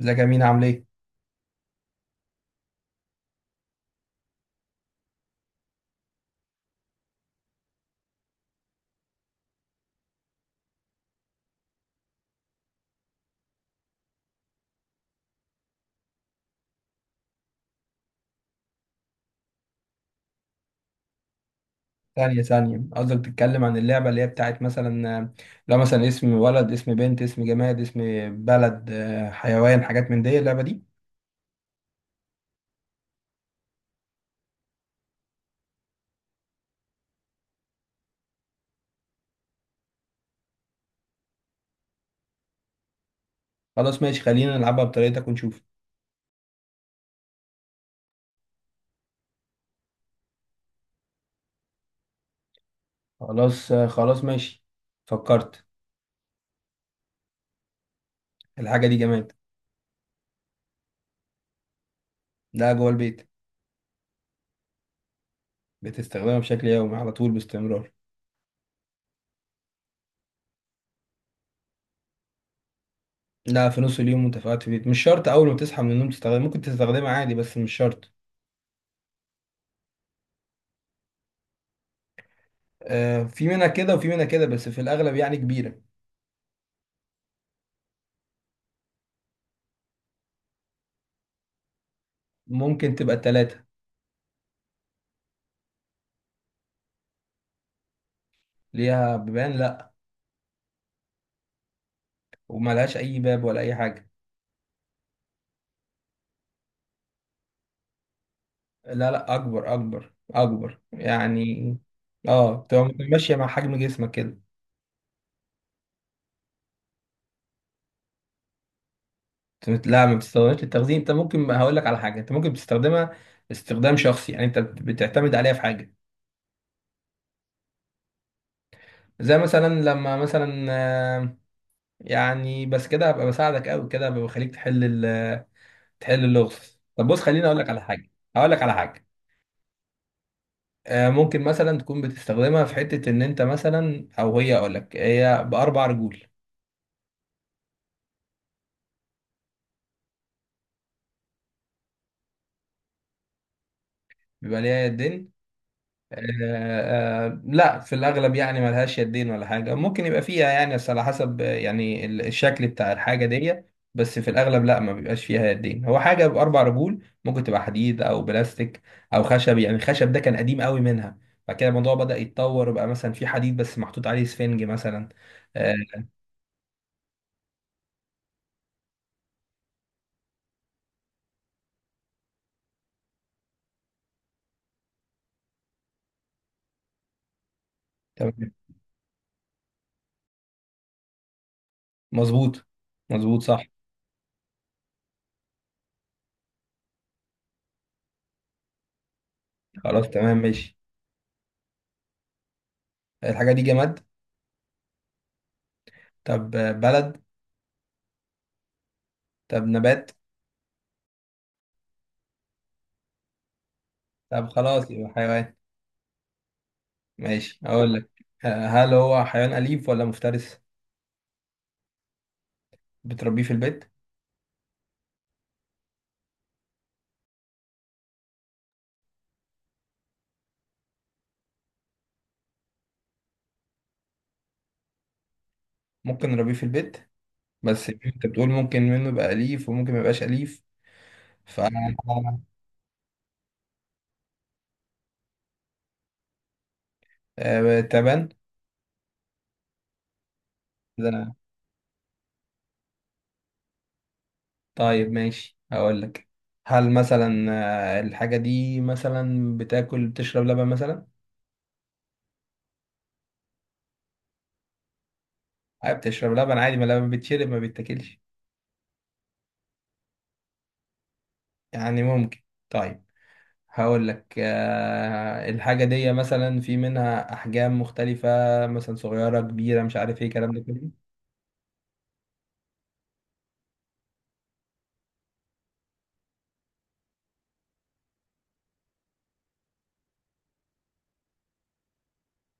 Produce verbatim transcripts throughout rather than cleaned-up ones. ازيك يا مين؟ عامل ايه؟ ثانية ثانية، قصدك بتتكلم عن اللعبة اللي هي بتاعت مثلا آه، لو مثلا اسم ولد اسم بنت اسم جماد اسم بلد آه، حيوان، حاجات من دي اللعبة دي. خلاص ماشي، خلينا نلعبها بطريقتك ونشوف. خلاص آه، خلاص ماشي. فكرت. الحاجة دي جماد. لا جوه البيت. بتستخدمها بشكل يومي على طول باستمرار. لا، في نص اليوم وانت قاعد في البيت، مش شرط اول ما تصحى من النوم تستخدمها، ممكن تستخدمها عادي بس مش شرط. آه، في منها كده وفي منها كده، بس في الاغلب يعني كبيرة. ممكن تبقى التلاتة. ليها بيبان، لا. وملهاش اي باب ولا اي حاجه. لا لا، اكبر اكبر اكبر يعني. اه، تبقى ماشيه مع حجم جسمك كده. أنت- لا، ما بتستخدمهاش للتخزين. انت ممكن، هقول لك على حاجه، انت ممكن بتستخدمها استخدام شخصي، يعني انت بتعتمد عليها في حاجه. زي مثلا لما مثلا آه، يعني بس كده هبقى بساعدك قوي، كده هبقى بخليك تحل ال- تحل اللغز. طب بص، خليني اقول لك على حاجه، هقول لك على حاجه. آه، ممكن مثلا تكون بتستخدمها في حته ان انت مثلا، او هي اقول لك، هي باربع رجول. بيبقى ليها يدين؟ آه، آه، لا، في الأغلب يعني ملهاش يدين ولا حاجة. ممكن يبقى فيها يعني، بس على حسب آه، يعني ال- الشكل بتاع الحاجة دي. بس في الأغلب لا، ما بيبقاش فيها يدين. هو حاجة بأربع رجول، ممكن تبقى حديد أو بلاستيك أو خشب. يعني الخشب ده كان قديم قوي منها، بعد كده الموضوع بدأ يتطور بقى، مثلا في حديد بس محطوط عليه سفنج مثلا. آه، تمام. مظبوط، مظبوط صح. خلاص تمام ماشي. الحاجة دي جماد. طب آه، بلد. طب نبات. طب خلاص، يبقى حيوان. ماشي، اقول لك. آه، هل هو حيوان اليف ولا مفترس؟ بتربيه في البيت؟ ممكن نربيه في البيت، بس انت بتقول ممكن منه يبقى اليف وممكن ما يبقاش اليف. ف آه، تبان. ده؟ طيب ماشي، اقول لك. هل مثلا آه، الحاجة دي مثلا بتاكل، بتشرب لبن مثلا؟ أه، بتشرب لبن عادي، ما لبن بيتشرب ما بيتاكلش. يعني ممكن. طيب هقول لك آه، الحاجة دي مثلا في منها أحجام مختلفة، مثلا صغيرة كبيرة، مش عارف ايه الكلام ده كله.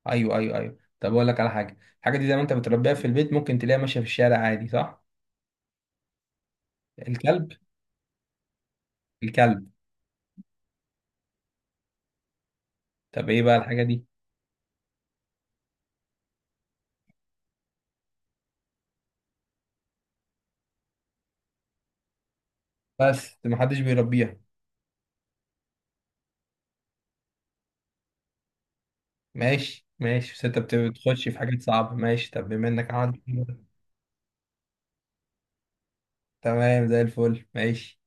أيوه أيوه أيوه، طب أقول لك على حاجة، الحاجة دي زي ما أنت بتربيها في البيت، ممكن تلاقيها ماشية في الشارع عادي، صح؟ الكلب. الكلب. طب ايه بقى الحاجة دي؟ بس محدش بيربيها. ماشي ماشي، بس أنت بت- بتخش في حاجات صعبة. ماشي، طب بما إنك عملت كده. تمام زي الفل، ماشي.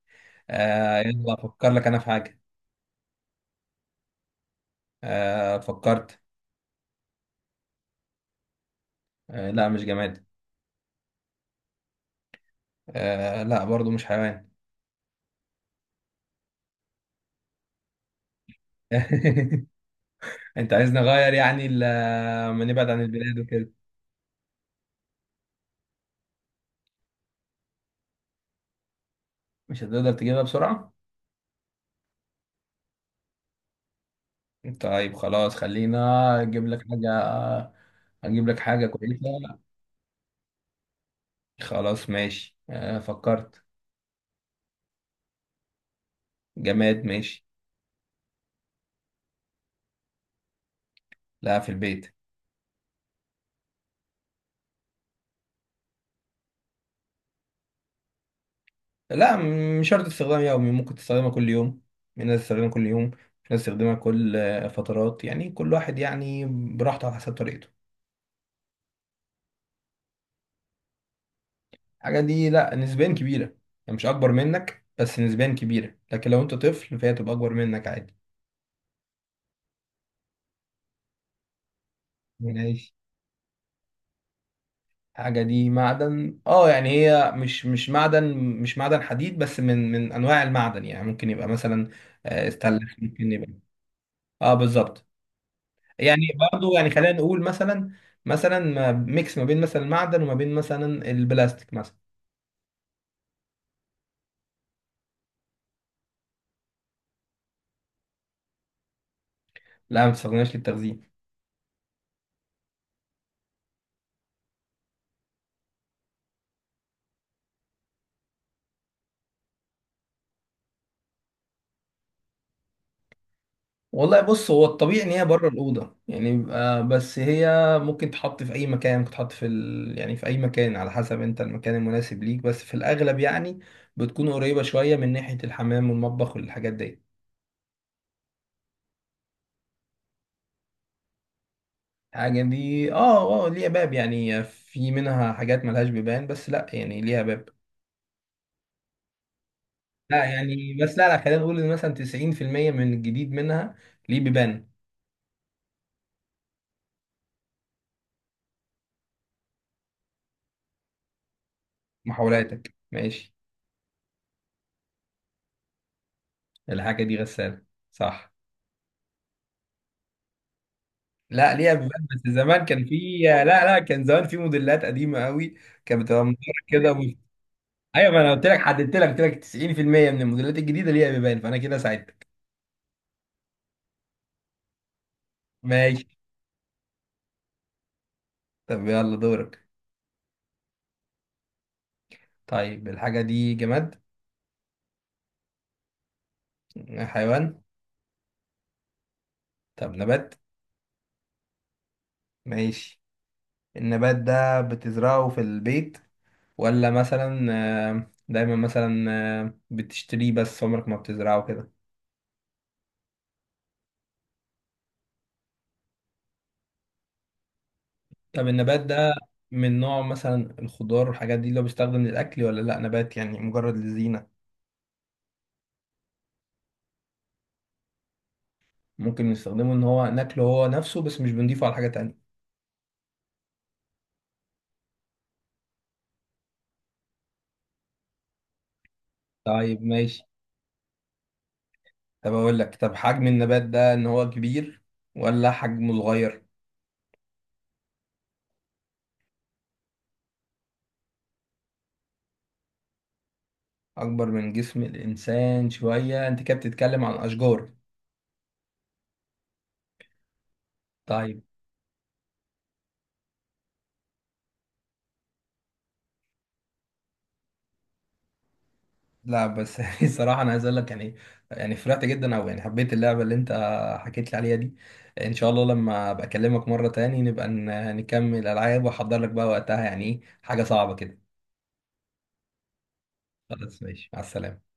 آه يلا، أفكر لك أنا في حاجة. آه، فكرت. آه لا، مش جماد. آه لا برضو، مش حيوان. انت عايز نغير يعني ال- ما نبعد عن البلاد وكده؟ مش هتقدر تجيبها بسرعة. طيب خلاص، خلينا اجيب لك حاجة، اجيب لك حاجة كويسة. خلاص ماشي. آه، فكرت. جماد، ماشي. لا، في البيت. لا م- مش شرط استخدام يومي، ممكن تستخدمها كل يوم. في ناس تستخدمها كل يوم، في ناس تستخدمها كل آه، فترات، يعني كل واحد يعني براحته على حسب طريقته. الحاجة دي لا، نسبيا كبيرة، يعني مش اكبر منك، بس نسبيا كبيرة. لكن لو انت طفل فهي تبقى اكبر منك عادي. ماشي. الحاجة دي معدن، اه يعني هي مش مش معدن، مش معدن حديد، بس من من انواع المعدن يعني. ممكن يبقى مثلا آه، استانلس، ممكن يبقى. اه بالظبط. يعني برضو يعني خلينا نقول مثلا، مثلا ما- ميكس ما بين مثلا المعدن وما بين مثلا البلاستيك مثلا. لا، ما بتستخدمهاش للتخزين. والله بص، هو الطبيعي ان هي بره الاوضه يعني، بيبقى بس هي ممكن تحط في اي مكان، ممكن تحط في ال... يعني في اي مكان على حسب انت المكان المناسب ليك. بس في الاغلب يعني بتكون قريبه شويه من ناحيه الحمام والمطبخ والحاجات دي. الحاجه دي، اه اه، ليها باب، يعني في منها حاجات ملهاش بيبان، بس لا يعني ليها باب. لا يعني، بس لا لا، خلينا نقول ان مثلا تسعين في المئة من الجديد منها ليه بيبان. محاولاتك ماشي. الحاجه دي غساله. صح. لا، ليها بيبان، بس زمان كان في، لا لا، كان زمان في موديلات قديمه قوي، كانت بتبقى مدورة كده و... ايوه، ما انا قلت لك، حددت لك، قلت لك تسعين في المية من الموديلات الجديده ليها بيبان، فانا كده ساعدتك. ماشي. طب يلا دورك. طيب الحاجه دي جماد. حيوان. طب نبات. ماشي، النبات ده بتزرعه في البيت ولا مثلا آه، دايما مثلا آه، بتشتريه بس عمرك ما بتزرعه كده؟ طب النبات ده من نوع مثلا الخضار والحاجات دي اللي هو بيستخدم للأكل، ولا لأ، نبات يعني مجرد للزينة؟ ممكن نستخدمه إن هو ناكله هو نفسه، بس مش بنضيفه على حاجة تانية. طيب ماشي. طب أقول لك، طب حجم النبات ده إن هو كبير ولا حجمه صغير؟ أكبر من جسم الإنسان شوية؟ أنت كده بتتكلم عن أشجار. طيب. لا بس يعني صراحة أنا عايز أقول لك يعني، يعني فرحت جدا، أو يعني حبيت اللعبة اللي أنت حكيت لي عليها دي. إن شاء الله لما أبقى أكلمك مرة تاني نبقى ن- نكمل ألعاب، وأحضر لك بقى وقتها يعني إيه حاجة صعبة كده. خلاص ماشي، مع السلامة.